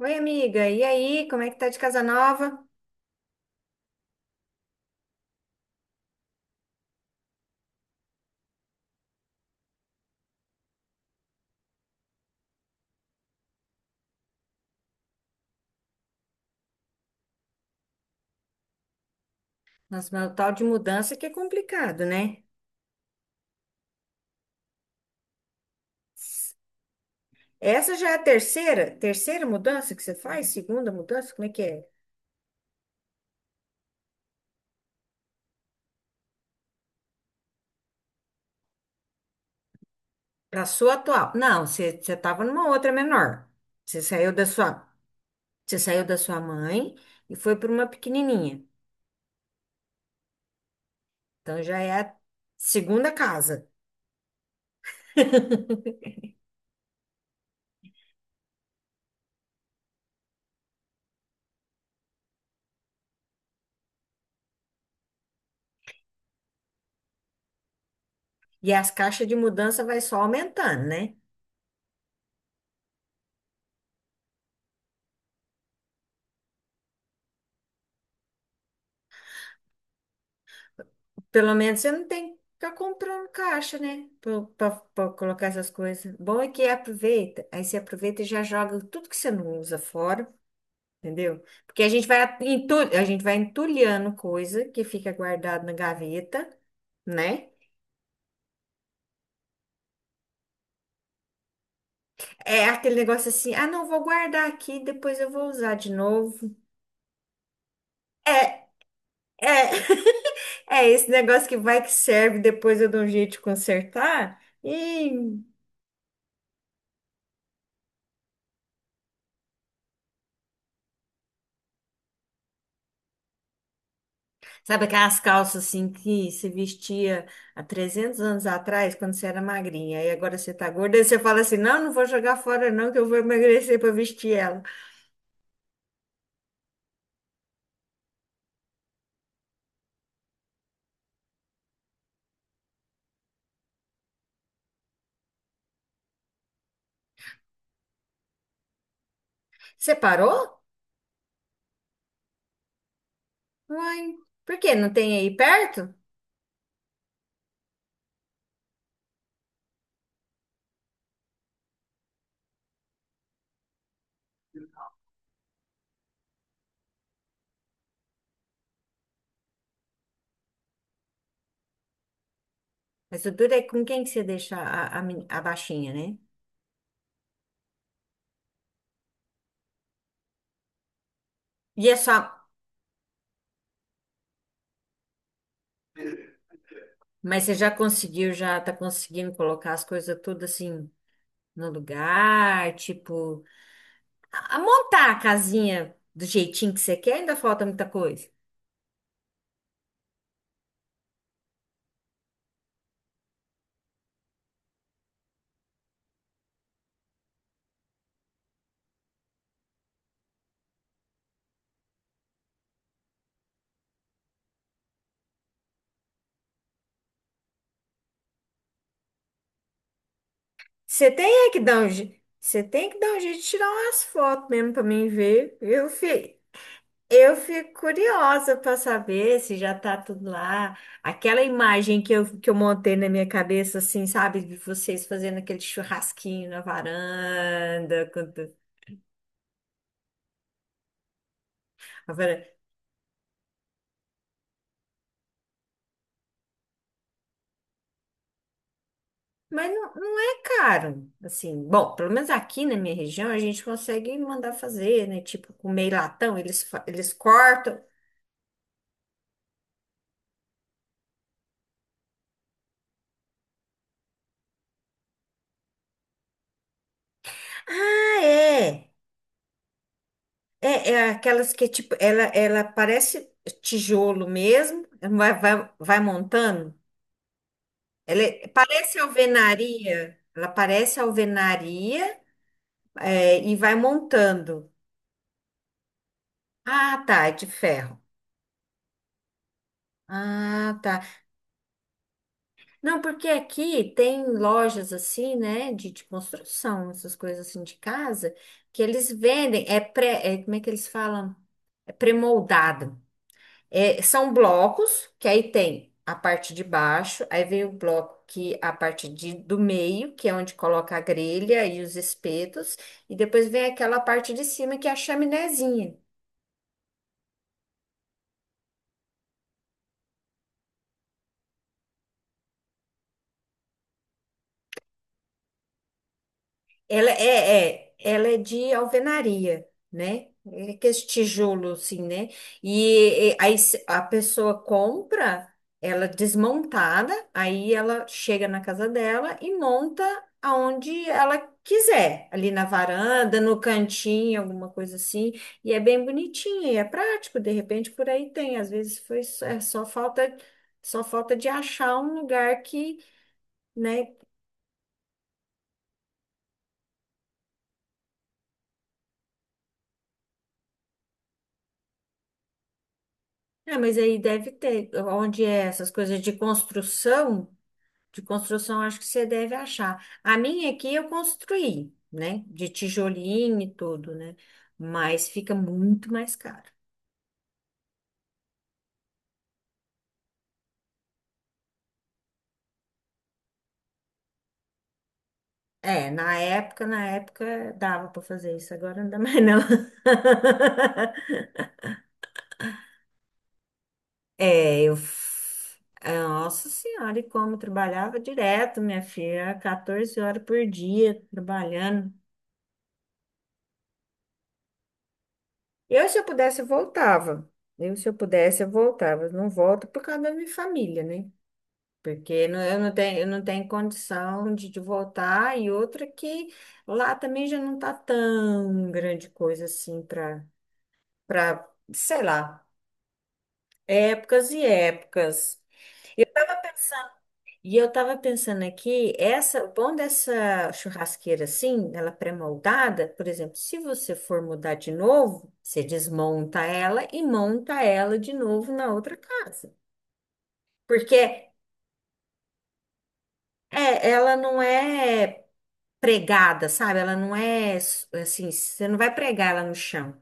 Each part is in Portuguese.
Oi, amiga. E aí, como é que tá de casa nova? Nossa, mas o tal de mudança que é complicado, né? Essa já é a terceira mudança que você faz? Segunda mudança? Como é que é? Pra sua atual. Não, você tava numa outra menor. Você saiu da sua, Você saiu da sua mãe e foi para uma pequenininha. Então já é a segunda casa. E as caixas de mudança vai só aumentando, né? Pelo menos você não tem que ficar comprando caixa, né? Para colocar essas coisas. Bom é que aproveita. Aí você aproveita e já joga tudo que você não usa fora, entendeu? Porque a gente vai entulhando coisa que fica guardada na gaveta, né? É aquele negócio assim, ah, não, vou guardar aqui, depois eu vou usar de novo. É, é, é esse negócio que vai que serve, depois eu dou um jeito de consertar. E sabe aquelas calças assim que se vestia há 300 anos atrás, quando você era magrinha, e agora você tá gorda, e você fala assim: não, não vou jogar fora, não, que eu vou emagrecer para vestir ela. Você parou? Uai, por quê? Não tem aí perto? Mas o duro é com quem que você deixa a baixinha, né? E é só. Mas você já conseguiu, já tá conseguindo colocar as coisas tudo assim no lugar, tipo, a montar a casinha do jeitinho que você quer, ainda falta muita coisa. Você tem que dar um jeito de tirar umas fotos mesmo pra mim ver. Eu fico curiosa pra saber se já tá tudo lá. Aquela imagem que eu montei na minha cabeça, assim, sabe? De vocês fazendo aquele churrasquinho na varanda. A varanda. Mas não, não é caro, assim. Bom, pelo menos aqui na minha região a gente consegue mandar fazer, né? Tipo, com meio latão, eles cortam. Ah, é. É, aquelas que, tipo, ela parece tijolo mesmo, vai, vai, vai montando. Parece alvenaria, ela parece alvenaria, é, e vai montando. Ah, tá, é de ferro. Ah, tá. Não, porque aqui tem lojas assim, né, de, construção, essas coisas assim de casa, que eles vendem, como é que eles falam? É pré-moldado. É, são blocos, que aí tem a parte de baixo, aí vem o bloco que é a parte do meio, que é onde coloca a grelha e os espetos, e depois vem aquela parte de cima que é a chaminézinha. Ela é, ela é de alvenaria, né? É que esse tijolo, assim, né? E, aí a pessoa compra ela desmontada, aí ela chega na casa dela e monta aonde ela quiser, ali na varanda, no cantinho, alguma coisa assim. E é bem bonitinha e é prático, de repente por aí tem. Às vezes foi, só- é só falta, de achar um lugar que, né? É, mas aí deve ter, onde é essas coisas de construção, acho que você deve achar. A minha aqui eu construí, né? De tijolinho e tudo, né? Mas fica muito mais caro. É, na época dava para fazer isso, agora não dá mais não. É, Nossa Senhora, e como trabalhava direto, minha filha, 14 horas por dia trabalhando. Se eu pudesse, eu voltava. Se eu pudesse, eu voltava. Eu não volto por causa da minha família, né? Porque eu não tenho condição de voltar. E outra que lá também já não tá tão grande coisa assim para, sei lá, épocas e épocas. E eu tava pensando aqui, o bom dessa churrasqueira assim, ela pré-moldada, por exemplo, se você for mudar de novo, você desmonta ela e monta ela de novo na outra casa. Porque ela não é pregada, sabe? Ela não é assim, você não vai pregar ela no chão.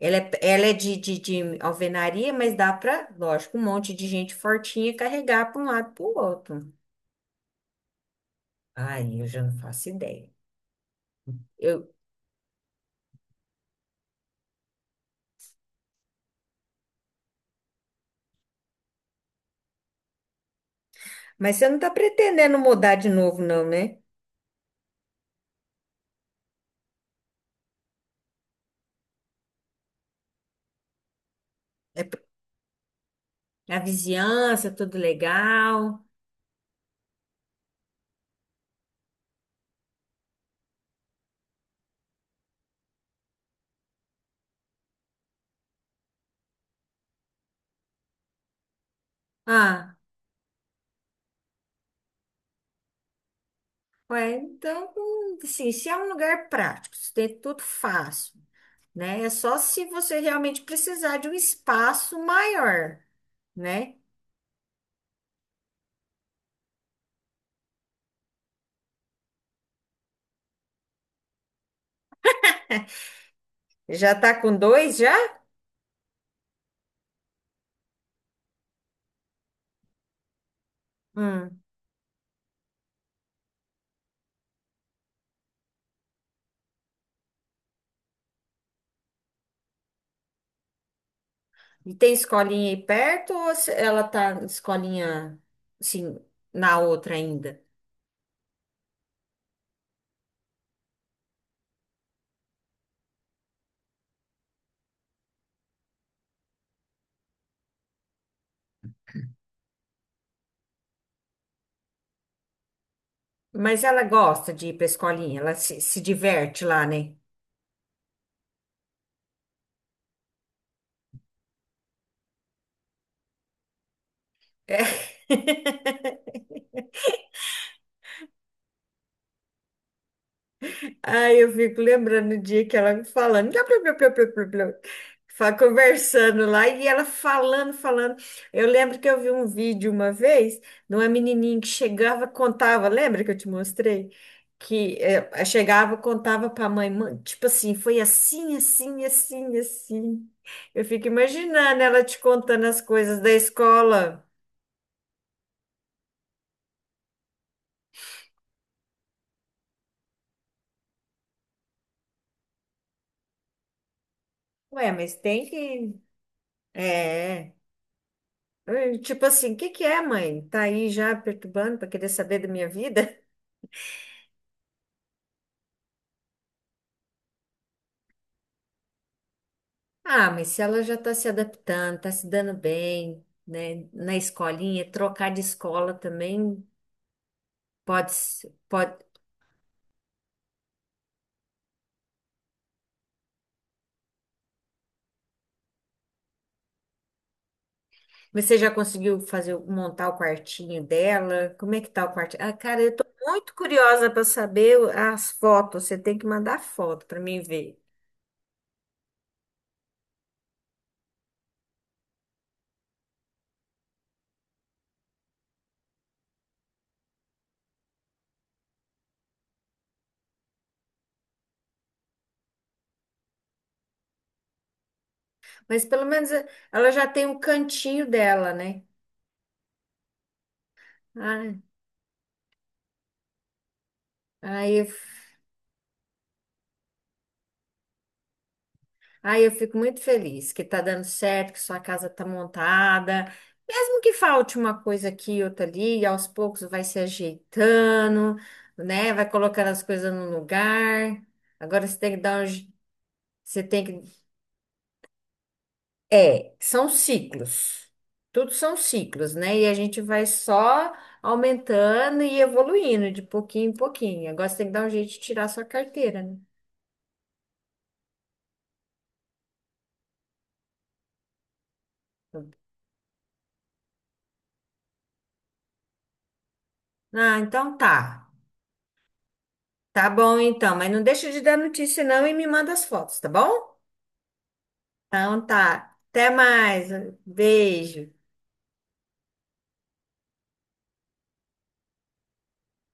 Ela é de alvenaria, mas dá pra, lógico, um monte de gente fortinha carregar para um lado para o outro. Ai, eu já não faço ideia. Eu Mas você não está pretendendo mudar de novo, não, né? É p- A vizinhança, tudo legal. Ah, ué, então, assim, se é um lugar prático, se tem tudo fácil, né? É só se você realmente precisar de um espaço maior, né? Já tá com dois já? Hum. E tem escolinha aí perto ou ela tá escolinha, assim, na outra ainda? Mas ela gosta de ir pra escolinha, ela se diverte lá, né? É. Aí eu fico lembrando o dia que ela me falando, blá, blá, blá, blá, blá, blá, blá, conversando lá e ela falando, falando. Eu lembro que eu vi um vídeo uma vez de uma menininha que chegava, contava, lembra que eu te mostrei? Que chegava, contava para a mãe, "Mãe, tipo assim, foi assim, assim, assim, assim. Eu fico imaginando ela te contando as coisas da escola. Ué, mas tem que. É. Tipo assim, o que que é, mãe? Tá aí já perturbando para querer saber da minha vida? Ah, mas se ela já tá se adaptando, tá se dando bem, né, na escolinha, trocar de escola também pode, se- pode. Mas você já conseguiu fazer montar o quartinho dela? Como é que tá o quartinho? Ah, cara, eu tô muito curiosa para saber as fotos. Você tem que mandar foto para mim ver. Mas pelo menos ela já tem um cantinho dela, né? Ah, aí Ai, eu fico muito feliz que tá dando certo, que sua casa tá montada. Mesmo que falte uma coisa aqui e outra ali, e aos poucos vai se ajeitando, né? Vai colocando as coisas no lugar. Agora você tem que dar um. Você tem que. É, são ciclos. Tudo são ciclos, né? E a gente vai só aumentando e evoluindo de pouquinho em pouquinho. Agora você tem que dar um jeito de tirar sua carteira, né? Ah, então tá. Tá bom então, mas não deixa de dar notícia não e me manda as fotos, tá bom? Então tá. Até mais. Beijo.